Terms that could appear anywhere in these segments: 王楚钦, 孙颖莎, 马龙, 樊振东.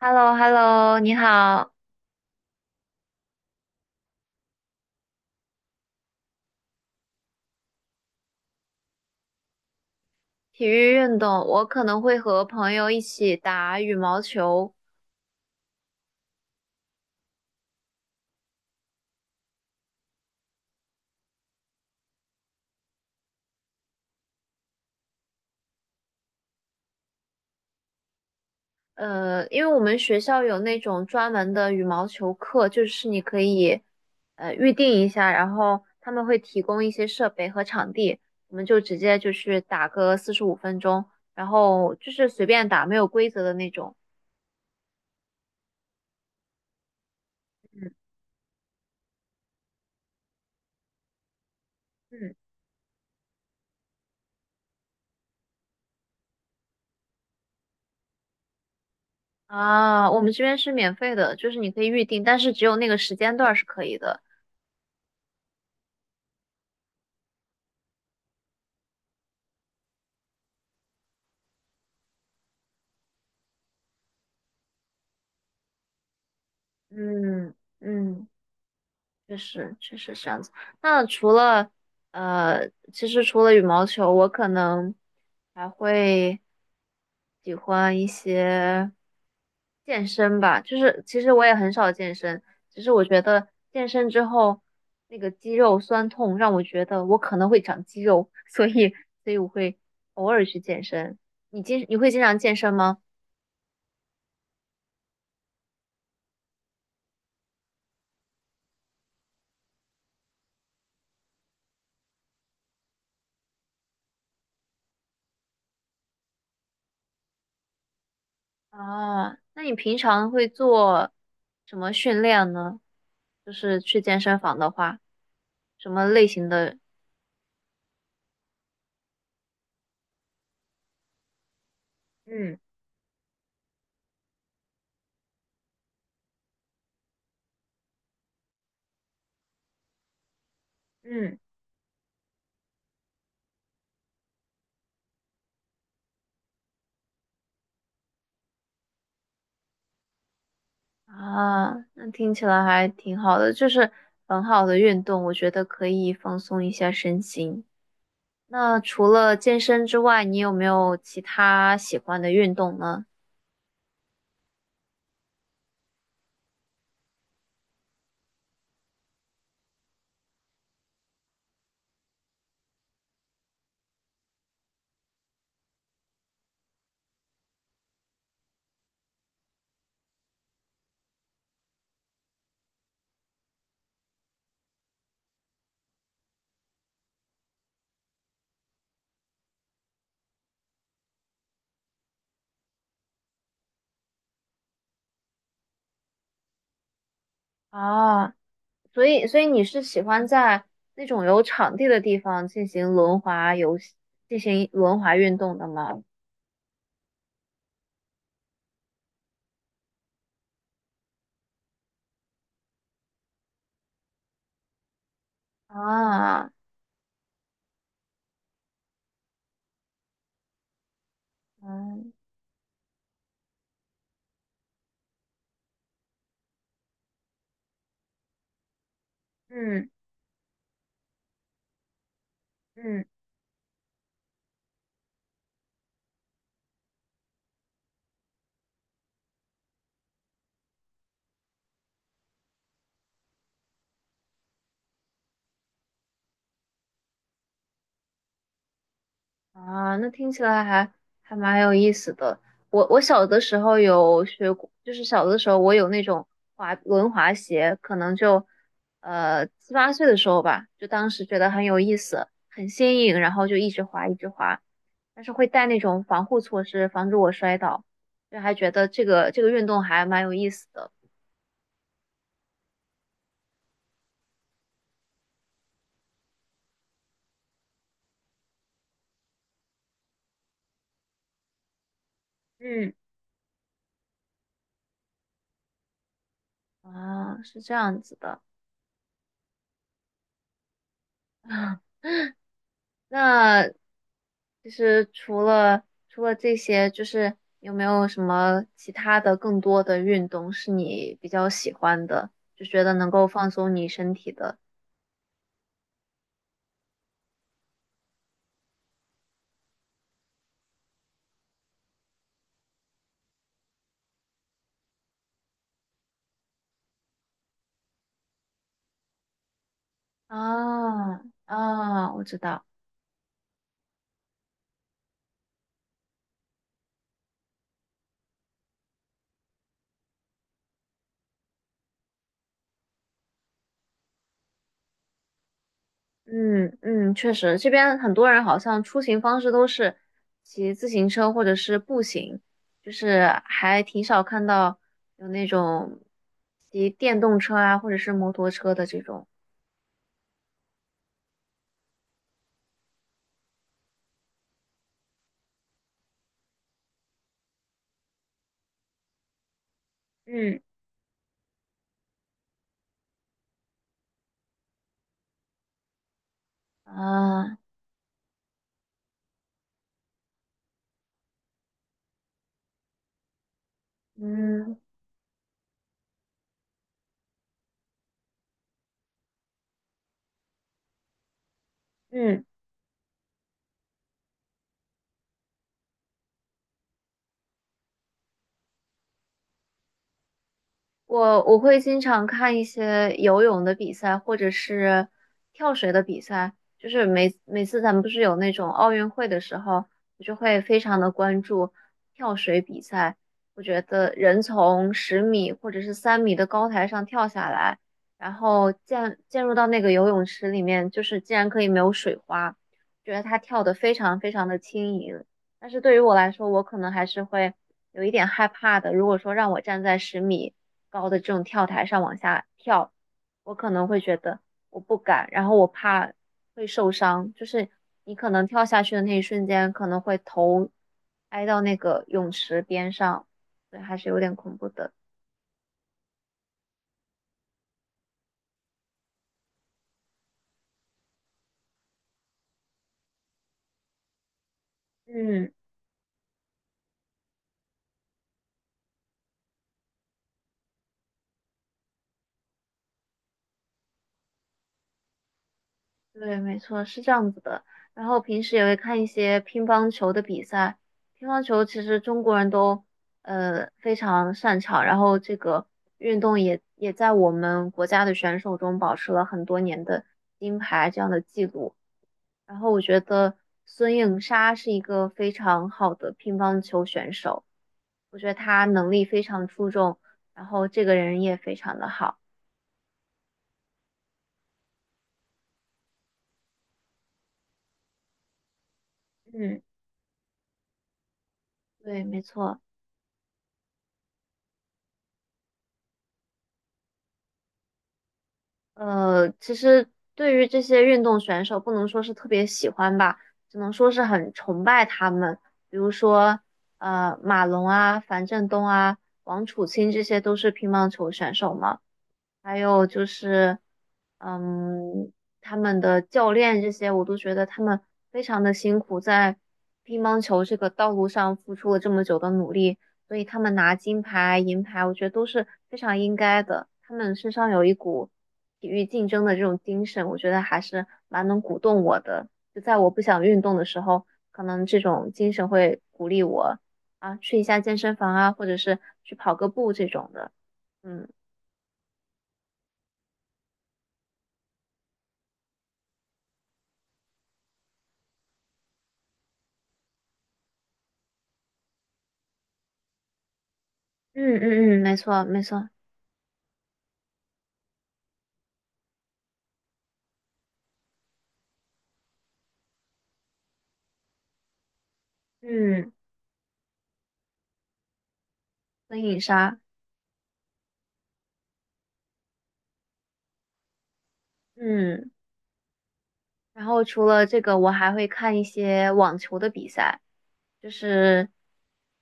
h e l l o h e l l o 你好。体育运动，我可能会和朋友一起打羽毛球。因为我们学校有那种专门的羽毛球课，就是你可以预定一下，然后他们会提供一些设备和场地，我们就直接就是打个45分钟，然后就是随便打，没有规则的那种。嗯嗯。啊，我们这边是免费的，就是你可以预定，但是只有那个时间段儿是可以的。嗯嗯。确实，确实是这样子。那除了呃，其实除了羽毛球，我可能还会喜欢一些健身吧。就是其实我也很少健身，只是我觉得健身之后那个肌肉酸痛让我觉得我可能会长肌肉，所以我会偶尔去健身。你会经常健身吗？啊，那你平常会做什么训练呢？就是去健身房的话，什么类型的？嗯嗯。啊，那听起来还挺好的，就是很好的运动，我觉得可以放松一下身心。那除了健身之外，你有没有其他喜欢的运动呢？啊，所以你是喜欢在那种有场地的地方进行轮滑运动的吗？啊，嗯嗯嗯。啊，那听起来还蛮有意思的。我小的时候有学过，就是小的时候我有那种滑轮滑鞋，可能就七八岁的时候吧，就当时觉得很有意思，很新颖，然后就一直滑一直滑，但是会带那种防护措施，防止我摔倒，就还觉得这个运动还蛮有意思的。嗯。啊，是这样子的。那其实除了这些，就是有没有什么其他的更多的运动是你比较喜欢的，就觉得能够放松你身体的？啊啊，我知道。嗯嗯，确实，这边很多人好像出行方式都是骑自行车或者是步行，就是还挺少看到有那种骑电动车啊或者是摩托车的这种。嗯。啊，嗯。嗯，我会经常看一些游泳的比赛，或者是跳水的比赛。就是每次咱们不是有那种奥运会的时候，我就会非常的关注跳水比赛。我觉得人从十米或者是3米的高台上跳下来，然后溅入到那个游泳池里面，就是竟然可以没有水花，觉得他跳得非常非常的轻盈。但是对于我来说，我可能还是会有一点害怕的。如果说让我站在十米高的这种跳台上往下跳，我可能会觉得我不敢，然后我怕会受伤。就是你可能跳下去的那一瞬间，可能会头挨到那个泳池边上，对，还是有点恐怖的。嗯。对，没错，是这样子的。然后平时也会看一些乒乓球的比赛，乒乓球其实中国人都非常擅长，然后这个运动也在我们国家的选手中保持了很多年的金牌这样的记录。然后我觉得孙颖莎是一个非常好的乒乓球选手，我觉得她能力非常出众，然后这个人也非常的好。嗯，对，没错。其实对于这些运动选手，不能说是特别喜欢吧，只能说是很崇拜他们。比如说，马龙啊、樊振东啊、王楚钦，这些都是乒乓球选手嘛。还有就是，嗯，他们的教练这些，我都觉得他们非常的辛苦，在乒乓球这个道路上付出了这么久的努力，所以他们拿金牌、银牌，我觉得都是非常应该的。他们身上有一股体育竞争的这种精神，我觉得还是蛮能鼓动我的。就在我不想运动的时候，可能这种精神会鼓励我啊，去一下健身房啊，或者是去跑个步这种的。嗯。嗯嗯嗯，没错没错。嗯，灯影杀。嗯，然后除了这个，我还会看一些网球的比赛，就是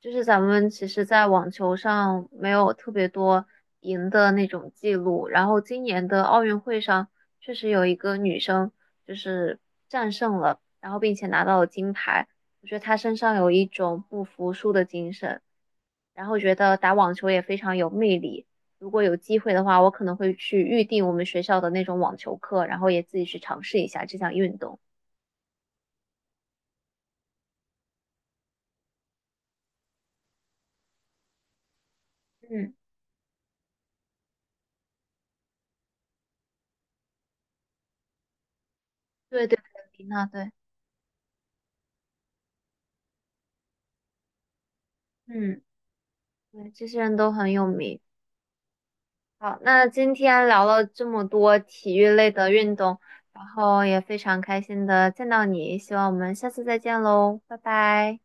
就是咱们其实，在网球上没有特别多赢的那种记录，然后今年的奥运会上确实有一个女生就是战胜了，然后并且拿到了金牌，我觉得她身上有一种不服输的精神。然后觉得打网球也非常有魅力。如果有机会的话，我可能会去预定我们学校的那种网球课，然后也自己去尝试一下这项运动。嗯，对对对，那对。嗯，对，这些人都很有名。好，那今天聊了这么多体育类的运动，然后也非常开心的见到你，希望我们下次再见喽，拜拜。